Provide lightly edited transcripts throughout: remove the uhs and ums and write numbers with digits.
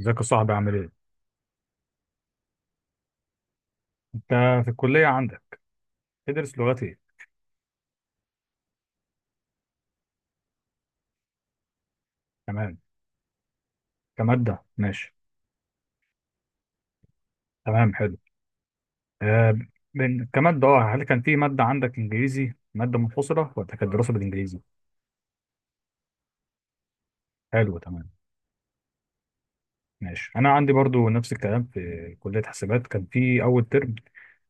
ازيك يا صاحبي؟ عامل ايه؟ انت في الكلية عندك تدرس لغات ايه؟ تمام، كمادة ماشي. تمام حلو. آه، من كمادة. اه، هل كان في مادة عندك انجليزي مادة منفصلة ولا كانت دراسة بالانجليزي؟ حلو تمام. ماشي، انا عندي برضو نفس الكلام في كلية حسابات. كان في اول ترم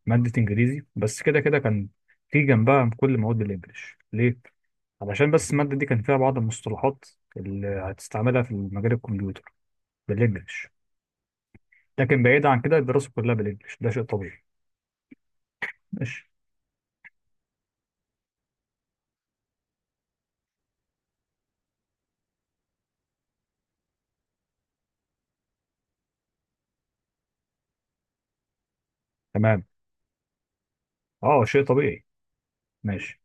مادة انجليزي، بس كده كان في جنبها كل مواد الانجليش. ليه؟ علشان بس المادة دي كان فيها بعض المصطلحات اللي هتستعملها في مجال الكمبيوتر بالانجليش. لكن بعيد عن كده الدراسة كلها بالانجليش، ده شيء طبيعي. ماشي. تمام. اه شيء طبيعي. ماشي.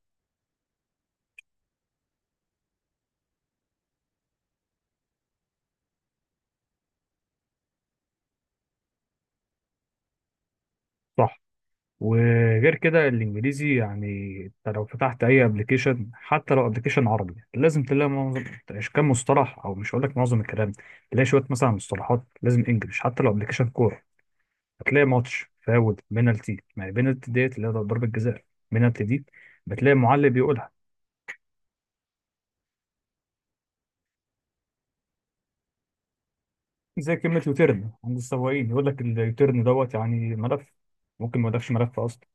صح. وغير كده الانجليزي يعني انت لو فتحت اي ابلكيشن، حتى لو ابلكيشن عربي، لازم تلاقي معظم كام مصطلح، او مش هقول لك معظم الكلام، تلاقي شويه مثلا مصطلحات لازم انجلش. حتى لو ابلكيشن كوره هتلاقي ماتش، فاول، بينالتي. يعني بينالتي ديت اللي هي ضربه جزاء. بينالتي دي بتلاقي معلق بيقولها. زي كلمه يوتيرن عند السواقين، يقول لك اليوتيرن دوت يعني ملف، ممكن ما يقولكش ملف اصلا.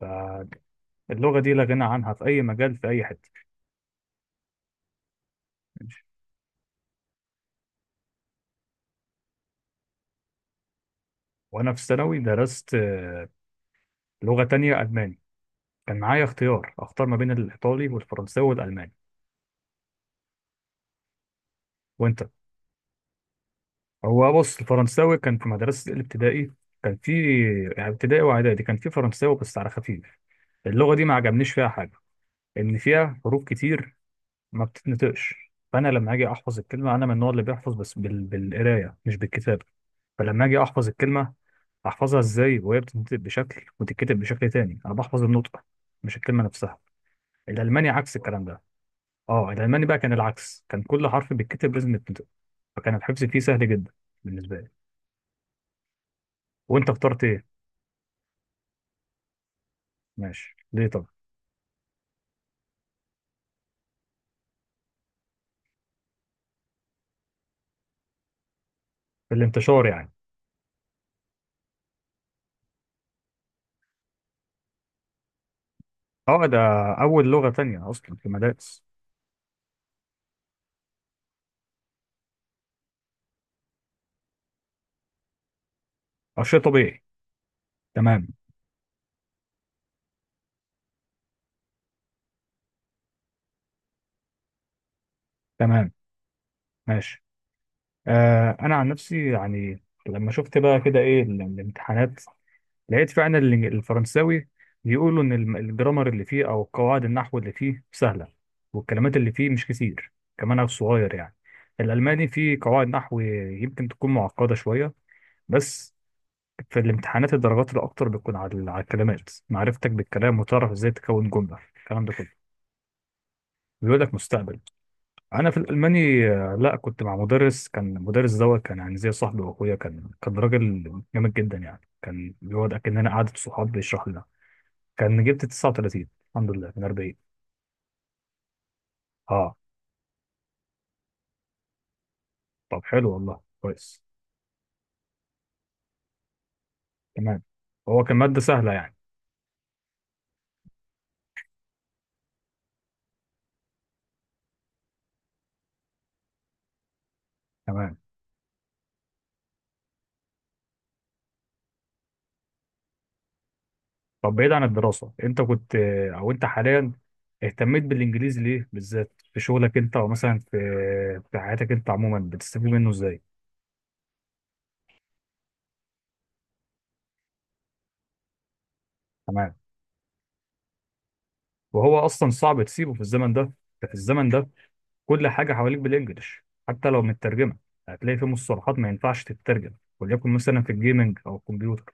فاللغه دي لا غنى عنها في اي مجال في اي حته. ماشي. وانا في ثانوي درست لغة تانية، الماني. كان معايا اختيار، اختار ما بين الايطالي والفرنساوي والالماني. وانت؟ هو بص، الفرنساوي كان في مدرسة الابتدائي، كان في، يعني ابتدائي واعدادي كان في فرنساوي بس على خفيف. اللغة دي ما عجبنيش فيها حاجة، ان فيها حروف كتير ما بتتنطقش. فانا لما اجي احفظ الكلمة، انا من النوع اللي بيحفظ بس بالقراية مش بالكتابة. فلما اجي احفظ الكلمة، احفظها ازاي وهي بتتنطق بشكل وتتكتب بشكل تاني؟ انا بحفظ النطق مش الكلمة نفسها. الالماني عكس الكلام ده. اه، الالماني بقى كان العكس، كان كل حرف بيتكتب لازم يتنطق. فكان الحفظ فيه سهل جدا بالنسبه لي. وانت اخترت ايه؟ ماشي، ليه طب؟ الانتشار يعني. اه، ده اول لغه تانية اصلا في المدارس. اه شيء طبيعي. تمام. تمام. ماشي. آه، انا عن نفسي يعني لما شفت بقى كده ايه الامتحانات، لقيت فعلا الفرنساوي بيقولوا ان الجرامر اللي فيه او قواعد النحو اللي فيه سهله، والكلمات اللي فيه مش كتير، كمان صغير يعني. الالماني فيه قواعد نحو يمكن تكون معقده شويه، بس في الامتحانات الدرجات الاكتر بتكون على على الكلمات، معرفتك بالكلام وتعرف ازاي تكون جمله، الكلام ده كله بيقول لك مستقبل. انا في الالماني لا، كنت مع مدرس، كان المدرس دوت كان يعني زي صاحبي واخويا، كان راجل جامد جدا يعني، كان بيقعد اكننا قعده صحاب بيشرح لنا. كان جبت 39 الحمد لله من 40. اه. طب حلو والله، كويس. تمام. هو كان مادة سهلة يعني. تمام. طب بعيد عن الدراسة، انت كنت، او انت حاليا، اهتميت بالانجليزي ليه بالذات؟ في شغلك انت، او مثلا في في حياتك انت عموما، بتستفيد منه ازاي؟ تمام. وهو اصلا صعب تسيبه في الزمن ده. في الزمن ده. كل حاجة حواليك بالانجلش، حتى لو مترجمة هتلاقي في مصطلحات ما ينفعش تترجم. وليكن مثلا في الجيمنج او الكمبيوتر،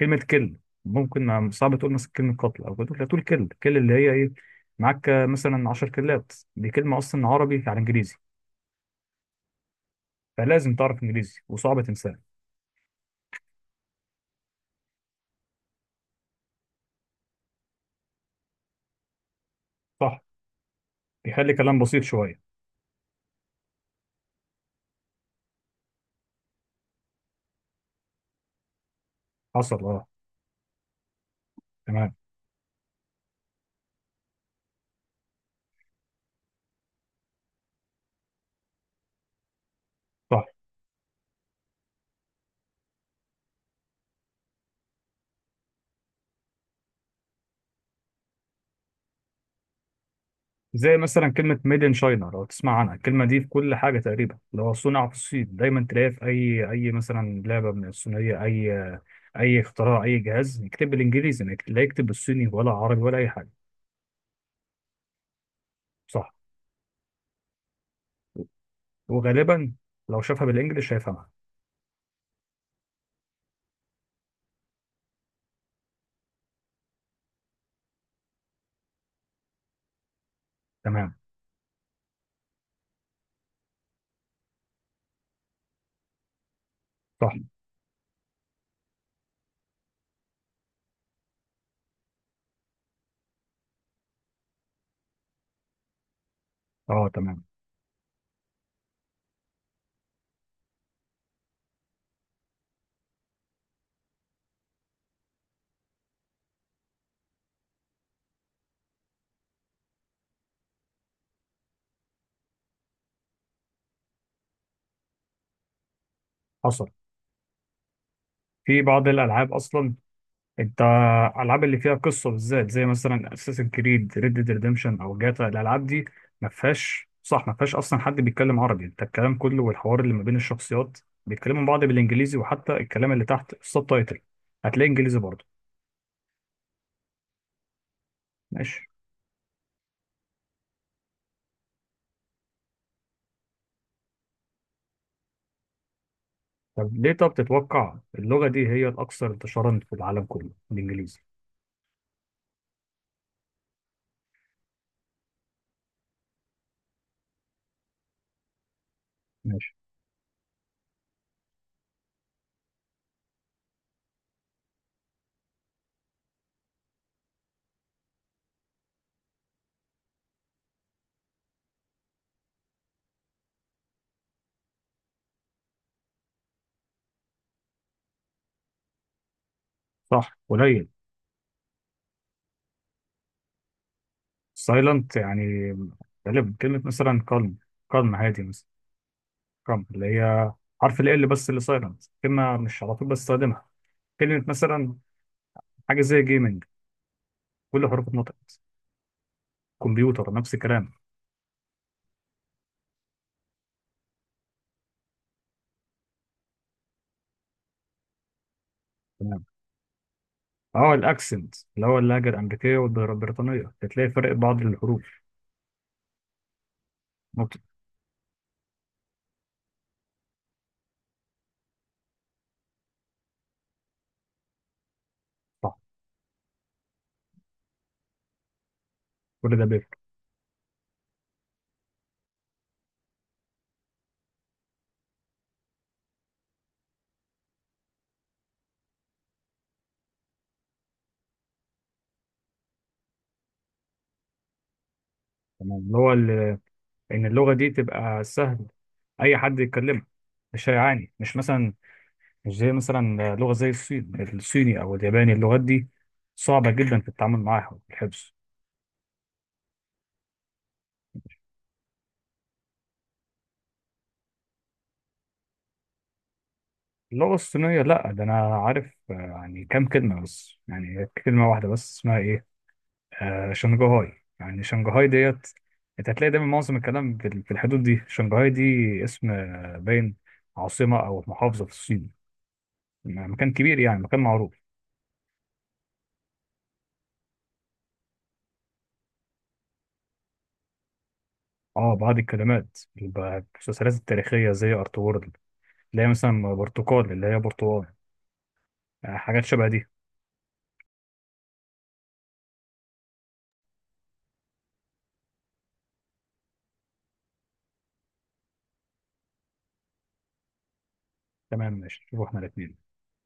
كلمة كل، ممكن صعب تقول مثلا كلمة قتل أو كده، لا، تقول كل. كل اللي هي إيه؟ معاك مثلا 10 كلات، دي كلمة أصلا عربي على إنجليزي. فلازم تعرف إنجليزي، وصعب تنساها. صح. بيخلي كلام بسيط شوية. حصل أه. تمام. صح. زي مثلا كلمة ميد إن شاينا، لو تسمع عنها الكلمة دي في كل حاجة تقريبا، لو صنع في الصين دايما تلاقيها في أي مثلا لعبة من الصينية، أي أي اختراع، أي جهاز، يكتب بالإنجليزي، ما يكت- لا يكتب بالصيني ولا عربي ولا أي حاجة. صح. وغالبا لو شافها بالإنجلش هيفهمها. تمام. صح. اه تمام. حصل. في بعض الالعاب اصلا انت، الالعاب اللي فيها قصه بالذات زي مثلا اساسن كريد، ريد ديد ريدمشن، او جاتا، الالعاب دي ما فيهاش. صح، ما فيهاش اصلا حد بيتكلم عربي. انت الكلام كله والحوار اللي ما بين الشخصيات بيتكلموا بعض بالانجليزي، وحتى الكلام اللي تحت السب تايتل هتلاقي انجليزي برضه. ماشي. طب ليه طب تتوقع اللغه دي هي الاكثر انتشارا في العالم كله، الانجليزي؟ ماشي. صح، قليل. سايلنت يعني غالبا كلمه مثلا كالم. كالم، هادي مثلا. كرامب اللي هي حرف ال L بس اللي سايلنت، كلمة مش على طول بستخدمها. كلمة مثلا حاجة زي جيمنج، كل حروف اتنطقت. كمبيوتر نفس الكلام. تمام. اه، الاكسنت اللي هو اللهجة الأمريكية والبريطانية، هتلاقي فرق بعض الحروف، نطق. صح. كل ده بيفرق. تمام، اللي هو إن اللغة دي تبقى سهل أي حد يتكلمها، مش هيعاني، مش مثلا مش زي مثلا لغة زي الصين. الصيني أو الياباني، اللغات دي صعبة جدا في التعامل معاها والحفظ. اللغة الصينية، لا، ده أنا عارف يعني كام كلمة بس، يعني كلمة واحدة بس اسمها إيه، آه، شنغهاي. يعني شنغهاي ديت أنت هتلاقي دايما معظم الكلام في في الحدود دي شنغهاي دي. اسم باين عاصمة أو محافظة في الصين، مكان كبير يعني، مكان معروف. اه بعض الكلمات اللي بقى في المسلسلات التاريخية زي أرطغرل، اللي هي مثلا برتقال اللي هي برتقال. حاجات شبه دي. تمام ماشي، شوفوا احنا الاتنين.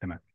تمام.